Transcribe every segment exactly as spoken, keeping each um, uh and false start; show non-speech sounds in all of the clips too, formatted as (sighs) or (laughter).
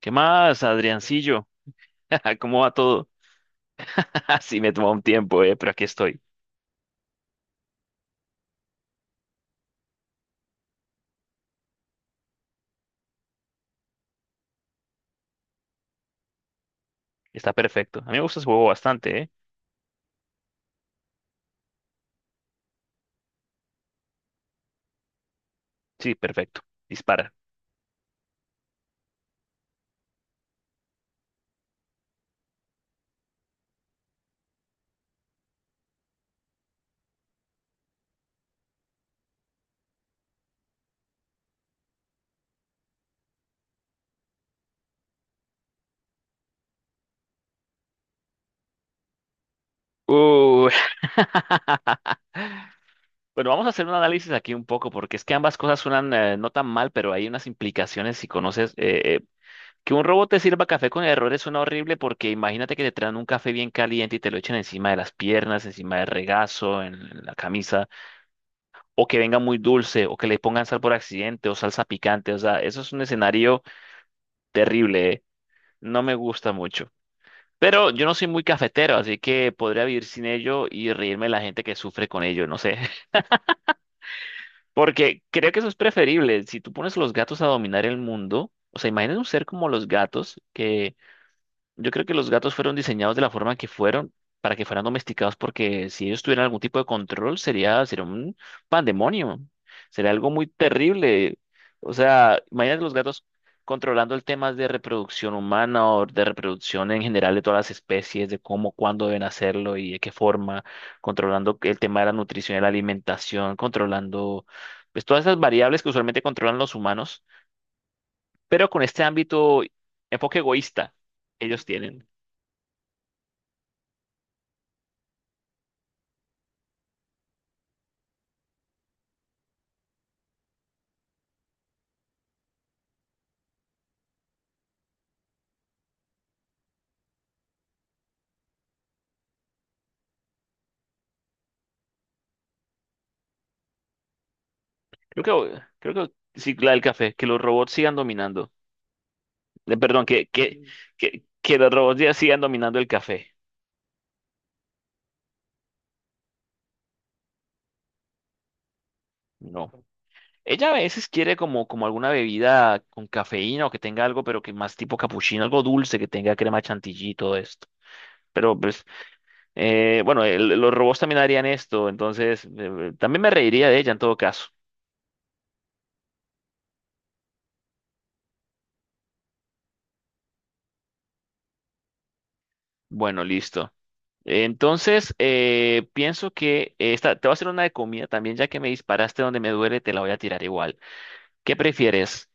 ¿Qué más, Adriancillo? (laughs) ¿Cómo va todo? (laughs) Sí, me tomó un tiempo, eh, pero aquí estoy. Está perfecto. A mí me gusta ese juego bastante, ¿eh? Sí, perfecto. Dispara. Uh, (laughs) bueno, vamos a hacer un análisis aquí un poco, porque es que ambas cosas suenan eh, no tan mal, pero hay unas implicaciones si conoces. eh, eh, que un robot te sirva café con errores suena horrible, porque imagínate que te traen un café bien caliente y te lo echen encima de las piernas, encima del regazo, en, en la camisa, o que venga muy dulce, o que le pongan sal por accidente, o salsa picante. O sea, eso es un escenario terrible, ¿eh? No me gusta mucho. Pero yo no soy muy cafetero, así que podría vivir sin ello y reírme de la gente que sufre con ello, no sé. (laughs) Porque creo que eso es preferible. Si tú pones a los gatos a dominar el mundo, o sea, imagínate un ser como los gatos que... Yo creo que los gatos fueron diseñados de la forma que fueron para que fueran domesticados, porque si ellos tuvieran algún tipo de control, sería, sería un pandemonio. Sería algo muy terrible. O sea, imagínate los gatos controlando el tema de reproducción humana o de reproducción en general de todas las especies, de cómo, cuándo deben hacerlo y de qué forma, controlando el tema de la nutrición y la alimentación, controlando pues todas esas variables que usualmente controlan los humanos, pero con este ámbito, enfoque egoísta, ellos tienen. Creo que, creo que sí, la del café, que los robots sigan dominando. Eh, perdón, que, que, Sí. que, que los robots ya sigan dominando el café. No. Ella a veces quiere como, como alguna bebida con cafeína o que tenga algo, pero que más tipo capuchino, algo dulce, que tenga crema chantilly y todo esto. Pero pues, eh, bueno, el- los robots también harían esto, entonces eh, también me reiría de ella en todo caso. Bueno, listo. Entonces, eh, pienso que esta, te voy a hacer una de comida también, ya que me disparaste donde me duele, te la voy a tirar igual. ¿Qué prefieres?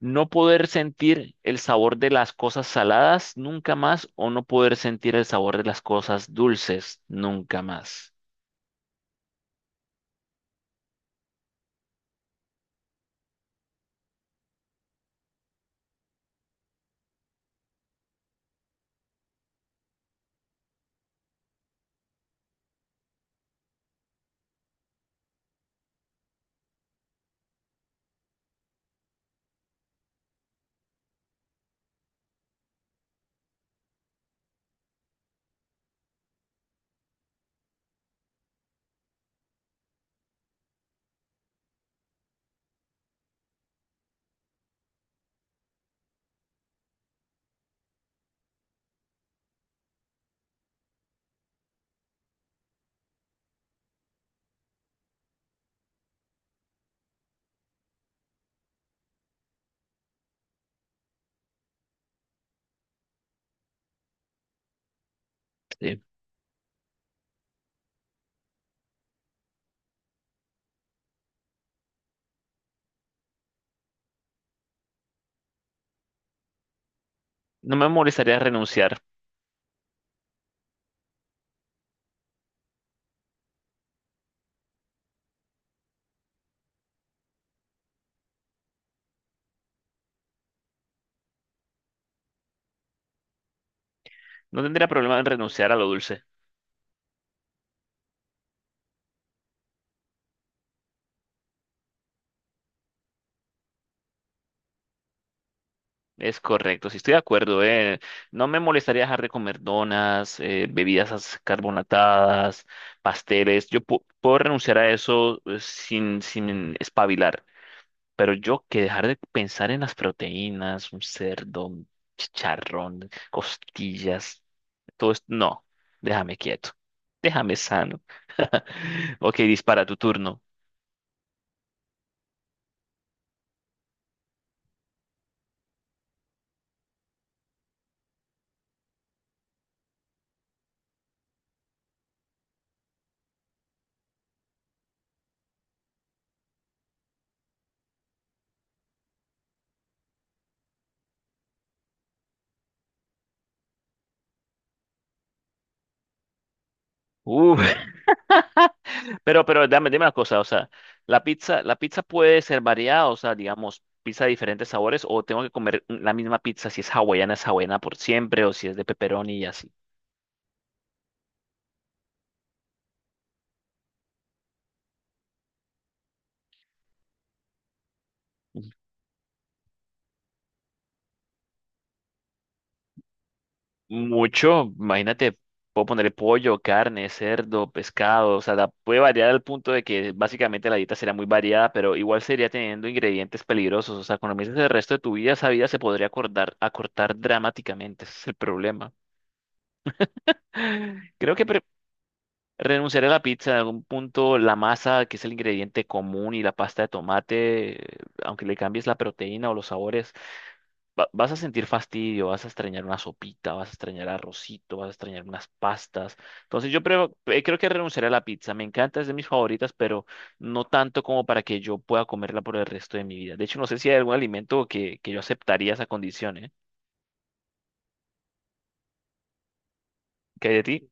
¿No poder sentir el sabor de las cosas saladas nunca más o no poder sentir el sabor de las cosas dulces nunca más? Sí. No me molestaría renunciar. No tendría problema en renunciar a lo dulce. Es correcto, sí estoy de acuerdo, eh. No me molestaría dejar de comer donas, eh, bebidas as- carbonatadas, pasteles. Yo pu- puedo renunciar a eso eh, sin, sin espabilar. Pero yo que dejar de pensar en las proteínas, un cerdo, un chicharrón, costillas, todo esto, no, déjame quieto, déjame sano. (laughs) Ok, dispara tu turno. Uh, (laughs) pero, pero dame, dime una cosa, o sea, la pizza, la pizza puede ser variada, o sea, digamos, pizza de diferentes sabores, o tengo que comer la misma pizza, si es hawaiana, es hawaiana por siempre, o si es de pepperoni y así. Mucho, imagínate, puedo ponerle pollo, carne, cerdo, pescado, o sea, la- puede variar al punto de que básicamente la dieta será muy variada, pero igual sería teniendo ingredientes peligrosos, o sea, cuando me dices el resto de tu vida, esa vida se podría acordar, acortar dramáticamente, ese es el problema. (gasps) (sighs) Creo que... renunciaré a la pizza, en algún punto la masa, que es el ingrediente común, y la pasta de tomate, aunque le cambies la proteína o los sabores, va- vas a sentir fastidio, vas a extrañar una sopita, vas a extrañar arrocito, vas a extrañar unas pastas. Entonces yo creo, eh, creo que renunciaré a la pizza. Me encanta, es de mis favoritas, pero no tanto como para que yo pueda comerla por el resto de mi vida. De hecho, no sé si hay algún alimento que, que yo aceptaría esa condición, ¿eh? ¿Qué hay de ti?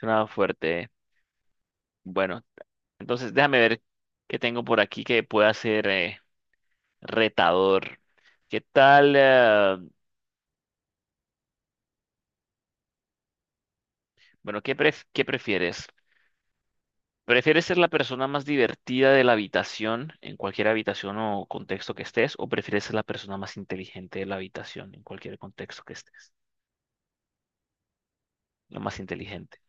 Suena fuerte, ¿eh? Bueno, entonces déjame ver qué tengo por aquí que pueda ser eh, retador. ¿Qué tal? eh, bueno, ¿qué pref- ¿qué prefieres? ¿Prefieres ser la persona más divertida de la habitación, en cualquier habitación o contexto que estés, o prefieres ser la persona más inteligente de la habitación, en cualquier contexto que estés? La más inteligente.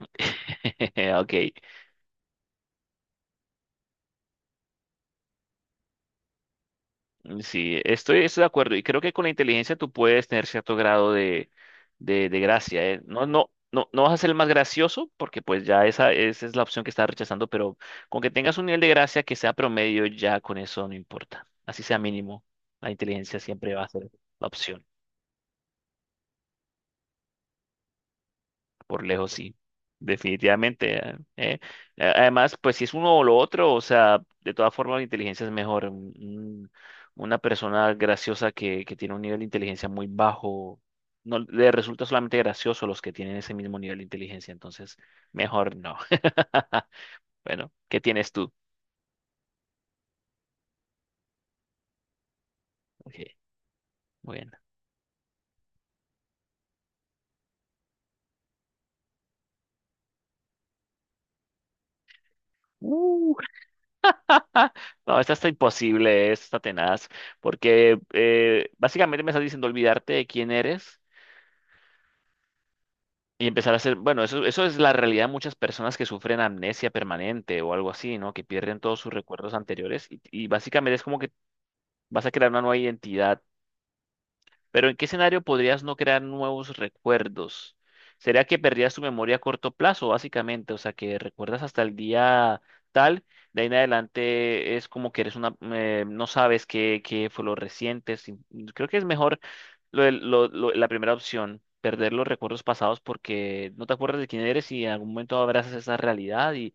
(laughs) Ok. Mm, sí, estoy, estoy de acuerdo y creo que con la inteligencia tú puedes tener cierto grado de, de, de gracia, ¿eh? No, no, no, no vas a ser el más gracioso porque pues ya esa, esa es la opción que estás rechazando, pero con que tengas un nivel de gracia que sea promedio, ya con eso no importa. Así sea mínimo, la inteligencia siempre va a ser la opción. Por lejos, sí. Definitivamente. eh, eh, a- Además, pues si es uno o lo otro, o sea, de todas formas la inteligencia es mejor. Un- un- una persona graciosa que, que tiene un nivel de inteligencia muy bajo, no le resulta solamente gracioso a los que tienen ese mismo nivel de inteligencia. Entonces, mejor no. (laughs) Bueno, ¿qué tienes tú? Ok, muy bien. Uh, (laughs) no, esta está imposible, esta está tenaz, porque eh, básicamente me estás diciendo olvidarte de quién eres. Y empezar a hacer, bueno, eso, eso es la realidad de muchas personas que sufren amnesia permanente o algo así, ¿no? Que pierden todos sus recuerdos anteriores y, y básicamente es como que vas a crear una nueva identidad. Pero ¿en qué escenario podrías no crear nuevos recuerdos? ¿Sería que perdías tu memoria a corto plazo, básicamente? O sea, que recuerdas hasta el día tal, de ahí en adelante es como que eres una, eh, no sabes qué, qué fue lo reciente. sin- Creo que es mejor lo del- lo- lo- la primera opción, perder los recuerdos pasados porque no te acuerdas de quién eres y en algún momento abrazas esa realidad y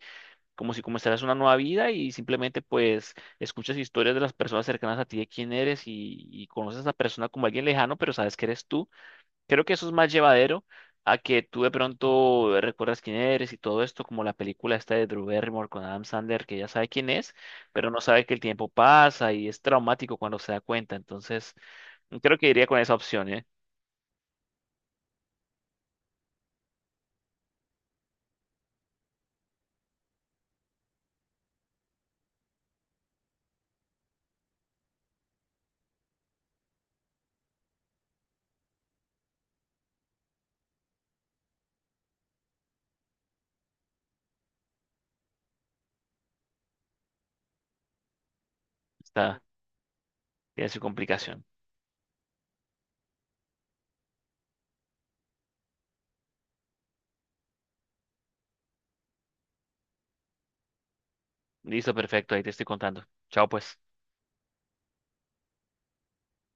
como si comenzaras una nueva vida y simplemente pues escuchas historias de las personas cercanas a ti de quién eres y, y conoces a esa persona como alguien lejano, pero sabes que eres tú. Creo que eso es más llevadero a que tú de pronto recuerdas quién eres y todo esto, como la película esta de Drew Barrymore con Adam Sandler, que ya sabe quién es, pero no sabe que el tiempo pasa y es traumático cuando se da cuenta. Entonces, creo que iría con esa opción, ¿eh? Está, tiene su complicación. Listo, perfecto, ahí te estoy contando. Chao, pues.